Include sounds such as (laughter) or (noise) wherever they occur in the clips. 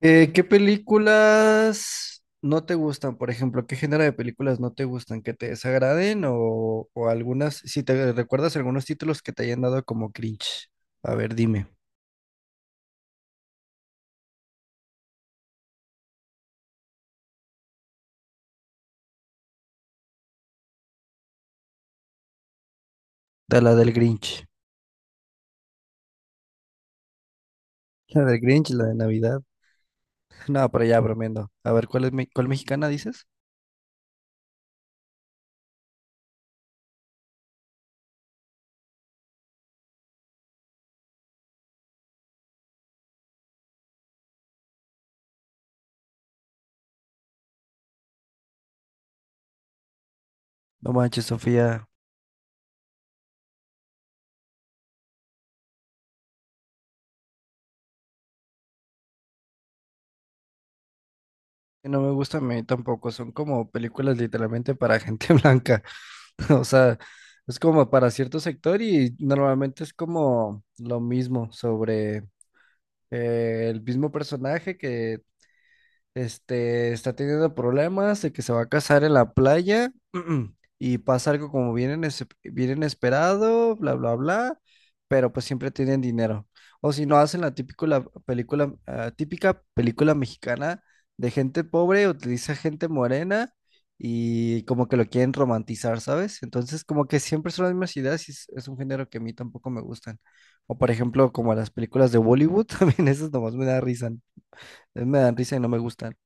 ¿Qué películas no te gustan? Por ejemplo, ¿qué género de películas no te gustan? ¿Que te desagraden o algunas, si te recuerdas algunos títulos que te hayan dado como cringe? A ver, dime. De la del Grinch. La del Grinch, la de Navidad. (laughs) No, pero ya bromeando. A ver, ¿cuál mexicana dices? No manches, Sofía. No me gustan a mí tampoco. Son como películas literalmente para gente (laughs) blanca. (laughs) O sea, es como para cierto sector y normalmente es como lo mismo sobre. El mismo personaje que está teniendo problemas de que se va a casar en la playa (clears throat) y pasa algo bien inesperado, bla, bla, bla, pero pues siempre tienen dinero. O si no, hacen la típico, la película, típica película mexicana de gente pobre, utiliza gente morena y como que lo quieren romantizar, ¿sabes? Entonces, como que siempre son las mismas ideas y es un género que a mí tampoco me gustan. O por ejemplo, como las películas de Bollywood, (laughs) también esas nomás me dan risa y no me gustan.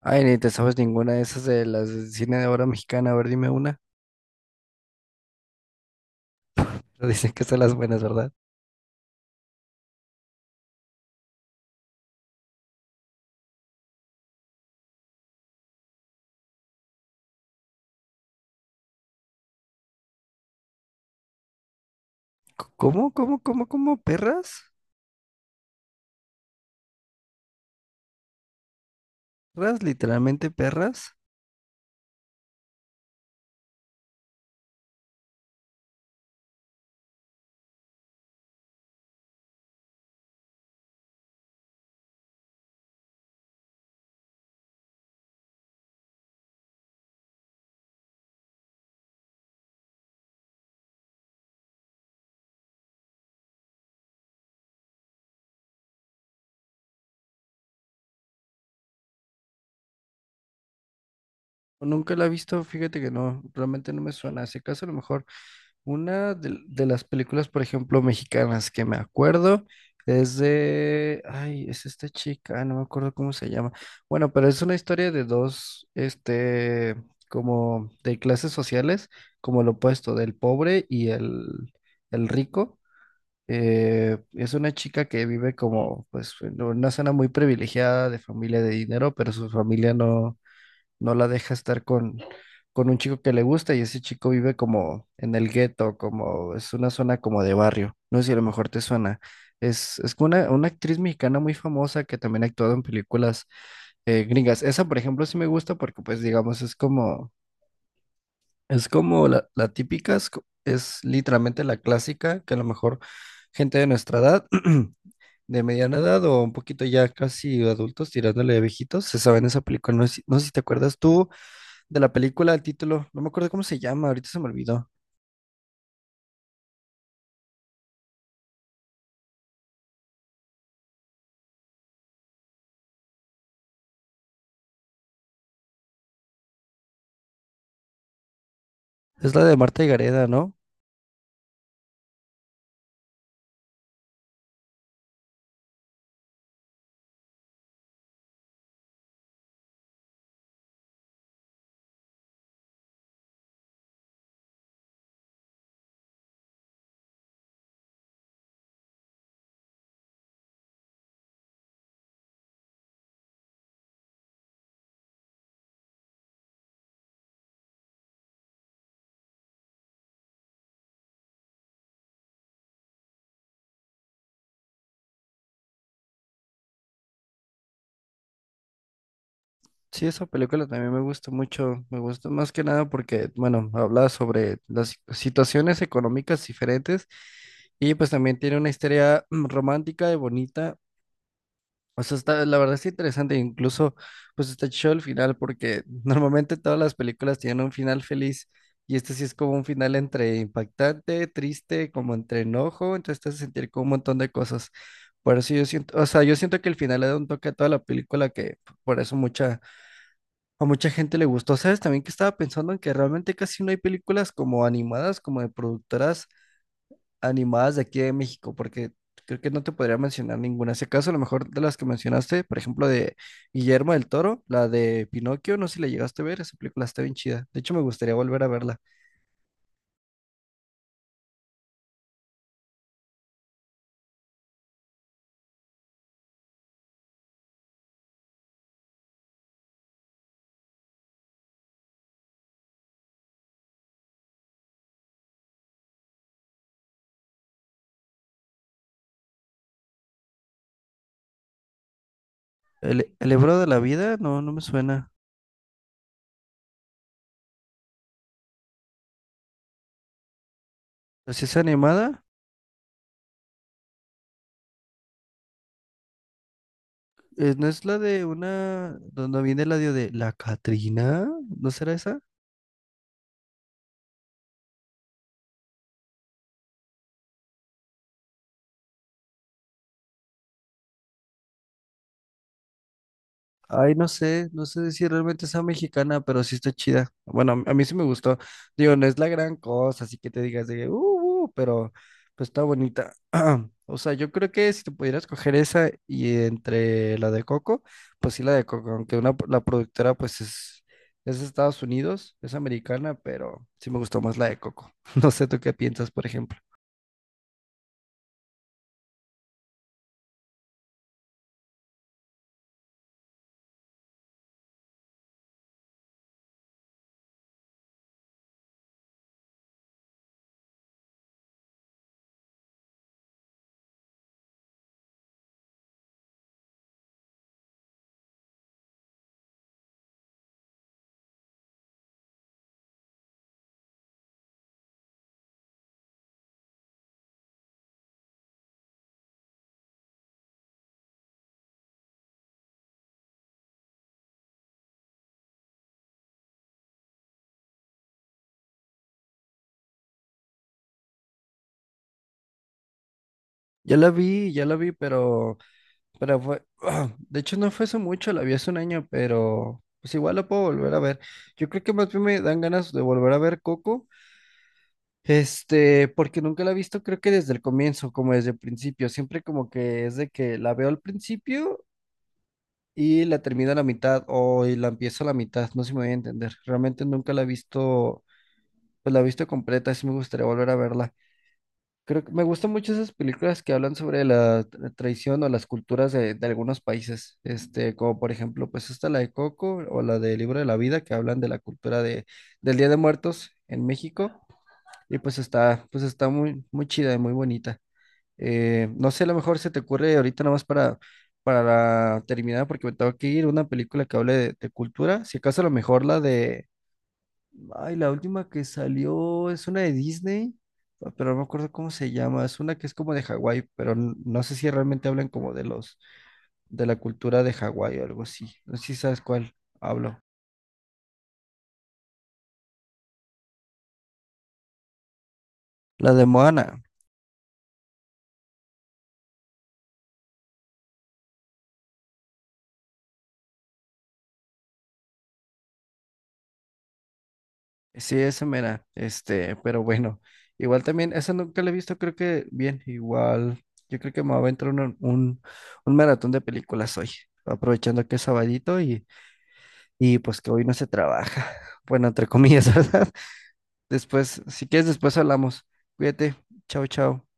Ay, ni te sabes ninguna de esas de las de cine de obra mexicana. A ver, dime una. (laughs) Pero dicen que son las buenas, ¿verdad? ¿Cómo, cómo, cómo, cómo? ¿Perras? ¿Perras? ¿Literalmente perras? Nunca la he visto, fíjate que no, realmente no me suena. Si acaso a lo mejor una de las películas, por ejemplo, mexicanas que me acuerdo es de, ay, es esta chica, no me acuerdo cómo se llama. Bueno, pero es una historia de dos, como de clases sociales, como lo opuesto, del pobre y el rico. Es una chica que vive como, pues, en una zona muy privilegiada de familia de dinero, pero su familia no la deja estar con un chico que le gusta y ese chico vive como en el gueto, como es una zona como de barrio. No sé si a lo mejor te suena. Es como una actriz mexicana muy famosa que también ha actuado en películas gringas. Esa, por ejemplo, sí me gusta porque, pues, digamos, es como la típica, es literalmente la clásica, que a lo mejor gente de nuestra edad, (clears throat) de mediana edad o un poquito ya casi adultos tirándole de viejitos, se saben esa película. No sé, no sé si te acuerdas tú de la película, el título, no me acuerdo cómo se llama, ahorita se me olvidó. Es la de Marta y Gareda, ¿no? Sí, esa película también me gusta mucho, me gusta más que nada porque, bueno, habla sobre las situaciones económicas diferentes y pues también tiene una historia romántica y bonita. O sea, está, la verdad es interesante, incluso pues está chido el final porque (laughs) normalmente todas las películas tienen un final feliz y este sí es como un final entre impactante, triste, como entre enojo, entonces te hace sentir como un montón de cosas. Por eso yo siento, o sea, yo siento que el final le da un toque a toda la película que por eso a mucha gente le gustó. ¿Sabes? También que estaba pensando en que realmente casi no hay películas como animadas, como de productoras animadas de aquí de México, porque creo que no te podría mencionar ninguna. Si acaso, a lo mejor de las que mencionaste, por ejemplo, de Guillermo del Toro, la de Pinocchio, no sé si la llegaste a ver, esa película está bien chida. De hecho, me gustaría volver a verla. El Ebro de la Vida, no, no me suena. Pero si es animada, ¿no es la de una, donde viene el audio de la Catrina? ¿No será esa? Ay, no sé, no sé si realmente sea mexicana, pero sí está chida. Bueno, a mí sí me gustó. Digo, no es la gran cosa, así que te digas de, que, pero pues está bonita. (clears throat) O sea, yo creo que si te pudieras coger esa y entre la de Coco, pues sí la de Coco, aunque una, la productora pues es de Estados Unidos, es americana, pero sí me gustó más la de Coco. (laughs) No sé tú qué piensas, por ejemplo. Ya la vi, pero... Pero fue, (clears throat) de hecho no fue hace mucho, la vi hace un año, pero pues igual la puedo volver a ver. Yo creo que más bien me dan ganas de volver a ver Coco, porque nunca la he visto, creo que desde el comienzo, como desde el principio, siempre como que es de que la veo al principio y la termino a la mitad o y la empiezo a la mitad, no sé si me voy a entender. Realmente nunca la he visto, pues la he visto completa, sí me gustaría volver a verla. Creo que me gustan mucho esas películas que hablan sobre la traición o las culturas de algunos países, como por ejemplo, pues esta la de Coco o la de Libro de la Vida, que hablan de la cultura de, del Día de Muertos en México, y pues está muy, muy chida y muy bonita. No sé, a lo mejor se te ocurre ahorita nomás para terminar, porque me tengo que ir, una película que hable de cultura, si acaso a lo mejor la de... Ay, la última que salió es una de Disney, pero no me acuerdo cómo se llama. Es una que es como de Hawái, pero no sé si realmente hablan como de los, de la cultura de Hawái o algo así. No sé si sabes cuál hablo. La de Moana. Sí, esa mera. Este, pero bueno. Igual también, esa nunca la he visto, creo que bien, igual. Yo creo que me va a entrar un maratón de películas hoy, aprovechando que es sabadito y pues que hoy no se trabaja. (laughs) Bueno, entre comillas, (laughs) ¿verdad? Después, si quieres, después hablamos. Cuídate. Chao, chao.